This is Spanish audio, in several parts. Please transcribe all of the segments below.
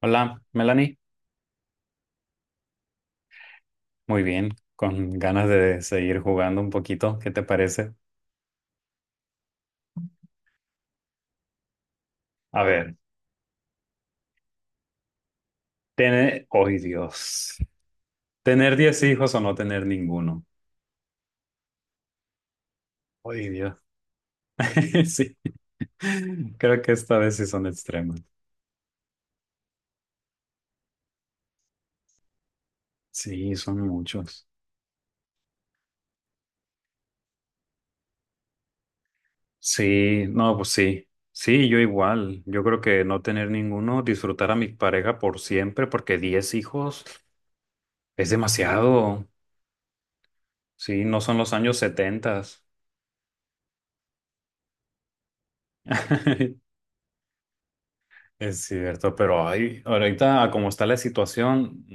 Hola, Melanie. Muy bien, con ganas de seguir jugando un poquito. ¿Qué te parece? A ver, ¡Ay, Dios! ¿Tener 10 hijos o no tener ninguno? ¡Ay, Dios! Sí, creo que esta vez sí son extremas. Sí, son muchos. Sí, no, pues sí. Sí, yo igual. Yo creo que no tener ninguno, disfrutar a mi pareja por siempre, porque 10 hijos es demasiado. Sí, no son los años 70. Es cierto, pero ahí ahorita, como está la situación,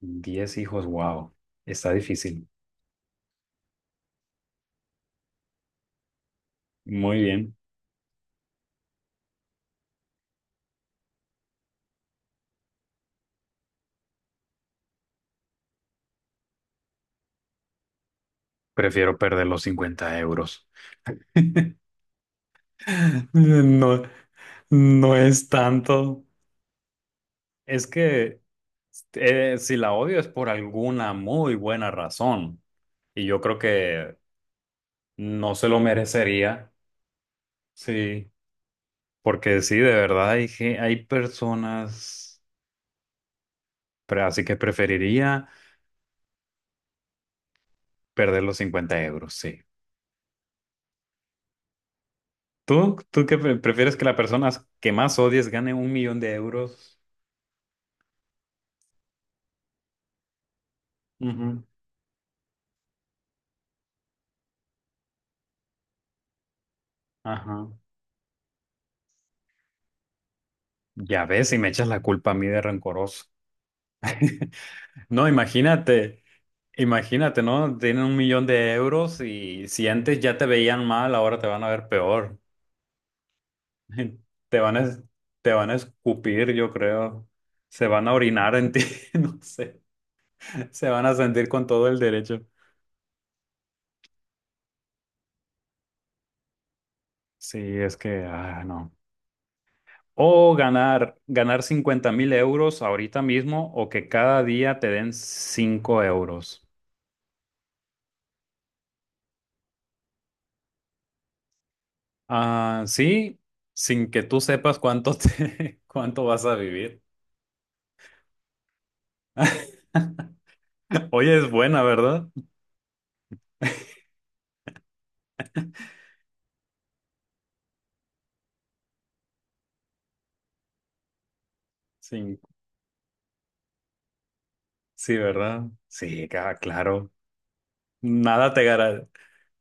10 hijos, wow, está difícil. Muy bien. Prefiero perder los 50 euros. No, no es tanto. Es que si la odio es por alguna muy buena razón. Y yo creo que no se lo merecería. Sí, porque sí, de verdad hay, hay personas, pero así que preferiría perder los 50 euros, sí. ¿Tú qué prefieres que la persona que más odies gane 1 millón de euros? Ujú. Ajá. Ya ves, y me echas la culpa a mí de rencoroso. No, imagínate, ¿no? Tienen 1 millón de euros y si antes ya te veían mal, ahora te van a ver peor. Te van a, te van a escupir, yo creo. Se van a orinar en ti, no sé. Se van a sentir con todo el derecho. Sí, es que, no. O ganar 50 mil euros ahorita mismo o que cada día te den 5 euros. Ah, sí, sin que tú sepas cuánto vas a vivir. Oye, es buena, ¿verdad? Sí, sí, ¿verdad? Sí, claro. Nada te gara-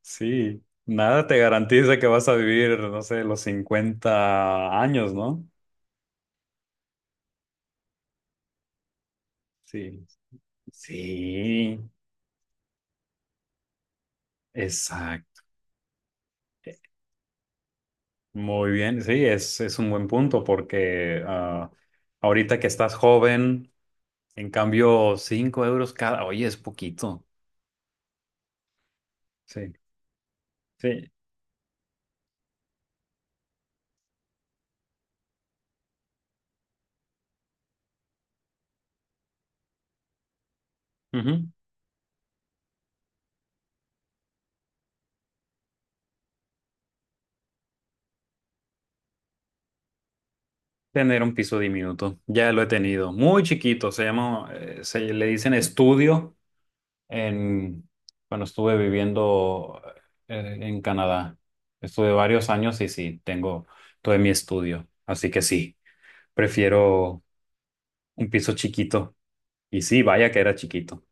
sí, nada te garantiza que vas a vivir, no sé, los 50 años, ¿no? Sí, sí, exacto. Muy bien, sí, es un buen punto porque ahorita que estás joven, en cambio, 5 euros cada, oye, es poquito. Sí, sí. Ujú. Tener un piso diminuto, ya lo he tenido, muy chiquito, se llama, se le dicen estudio en, cuando estuve viviendo en Canadá. Estuve varios años y sí, tengo todo mi estudio, así que sí, prefiero un piso chiquito. Y sí, vaya que era chiquito.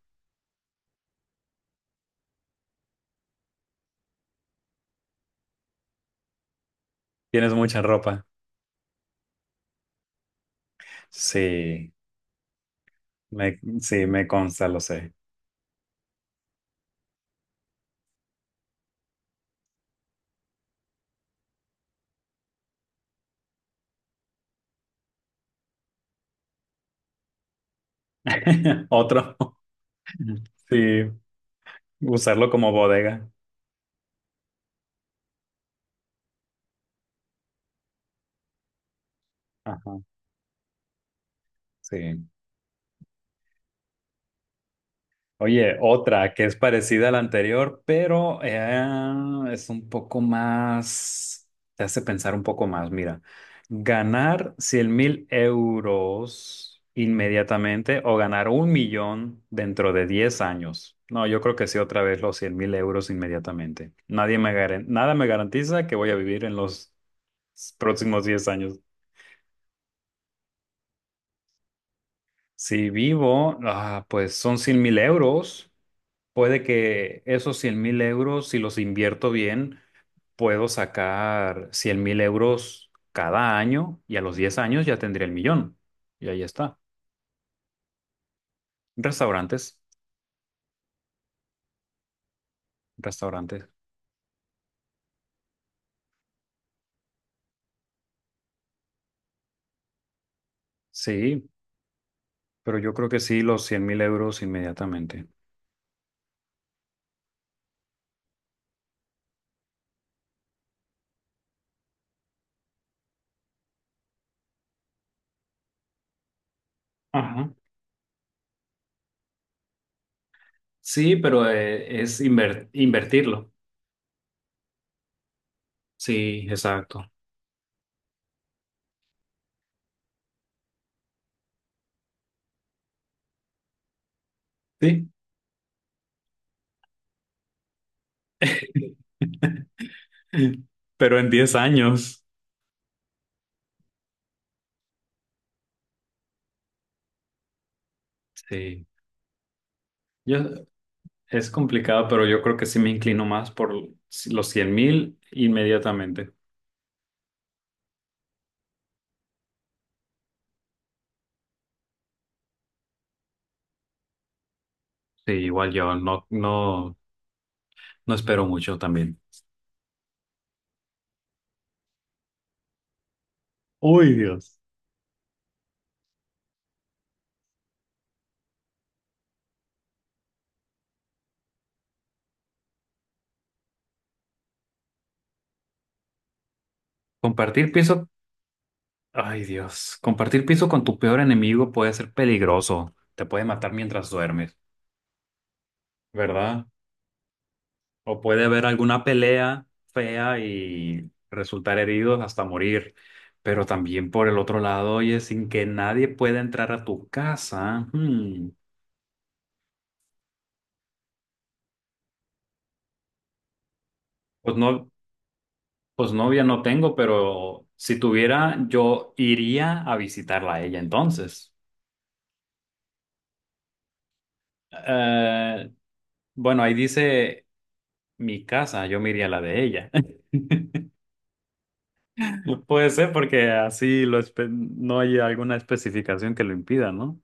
Tienes mucha ropa. Sí, sí, me consta, lo sé. Otro. Sí, usarlo como bodega. Ajá, sí. Oye, otra que es parecida a la anterior, pero es un poco más, te hace pensar un poco más. Mira, ganar 100 mil euros inmediatamente o ganar 1 millón dentro de 10 años. No, yo creo que sí, otra vez los 100 mil euros inmediatamente. Nadie me garan- nada me garantiza que voy a vivir en los próximos 10 años. Si vivo, ah, pues son 100 mil euros. Puede que esos 100 mil euros, si los invierto bien, puedo sacar 100 mil euros cada año y a los 10 años ya tendría el millón. Y ahí está. Restaurantes, restaurantes. Sí, pero yo creo que sí, los 100 mil euros inmediatamente. Ajá. Sí, pero invertirlo. Sí, exacto. Sí. Pero en 10 años. Sí. Yo, Es complicado, pero yo creo que sí me inclino más por los 100 mil inmediatamente. Sí, igual yo no, no espero mucho también. Uy, Dios. Compartir piso, ay Dios, compartir piso con tu peor enemigo puede ser peligroso. Te puede matar mientras duermes, ¿verdad? O puede haber alguna pelea fea y resultar heridos hasta morir. Pero también por el otro lado, oye, sin que nadie pueda entrar a tu casa, hmm, pues no. Pues novia no tengo, pero si tuviera, yo iría a visitarla a ella entonces. Eh, bueno, ahí dice mi casa, yo me iría a la de ella. Puede ser porque así no hay alguna especificación que lo impida, ¿no?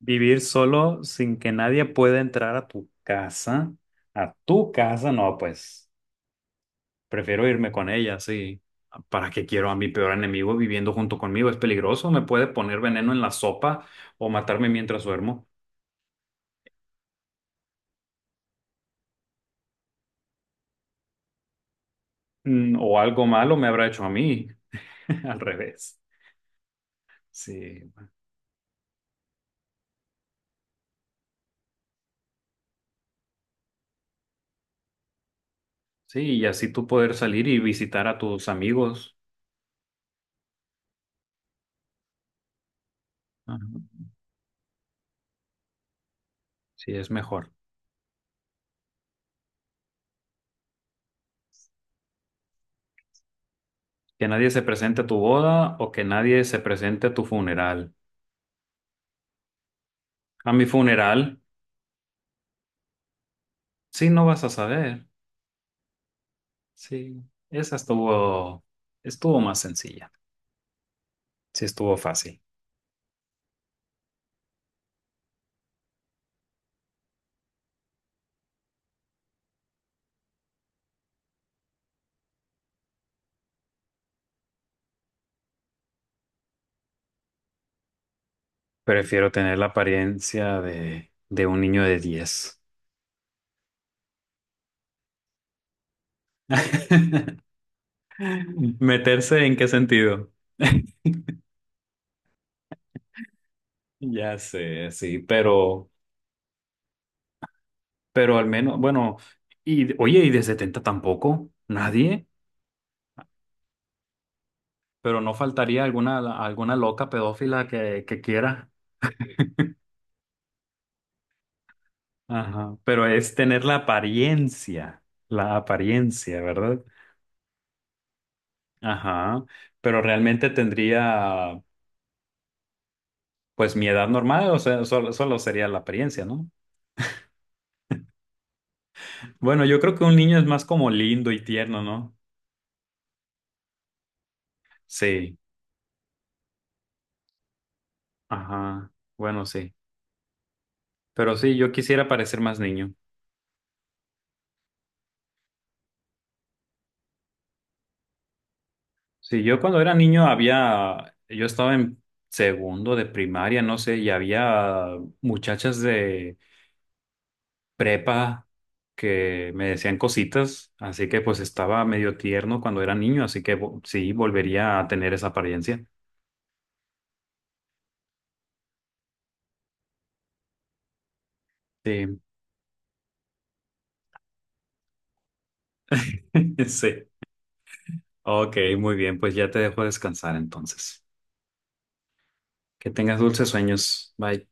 Vivir solo sin que nadie pueda entrar a tu casa, no, pues. Prefiero irme con ella, sí. ¿Para qué quiero a mi peor enemigo viviendo junto conmigo? Es peligroso, me puede poner veneno en la sopa o matarme mientras duermo. Mm, o algo malo me habrá hecho a mí. Al revés. Sí. Sí, y así tú poder salir y visitar a tus amigos. Ajá. Sí, es mejor. Que nadie se presente a tu boda o que nadie se presente a tu funeral. A mi funeral, sí, no vas a saber. Sí, esa estuvo, estuvo más sencilla. Sí, estuvo fácil. Prefiero tener la apariencia de un niño de 10. ¿Meterse en qué sentido? Ya sé, pero al menos, bueno, y oye, y de 70 tampoco, nadie, pero no faltaría alguna loca pedófila que quiera. Ajá, pero es tener la la apariencia, ¿verdad? Ajá, pero realmente tendría, pues, mi edad normal, o sea, solo sería la apariencia, ¿no? Bueno, yo creo que un niño es más como lindo y tierno, ¿no? Sí, ajá, bueno, sí. Pero sí, yo quisiera parecer más niño. Sí, yo cuando era niño había, yo estaba en segundo de primaria, no sé, y había muchachas de prepa que me decían cositas, así que pues estaba medio tierno cuando era niño, así que sí, volvería a tener esa apariencia. Sí, sí. Ok, muy bien, pues ya te dejo descansar entonces. Que tengas dulces sueños. Bye.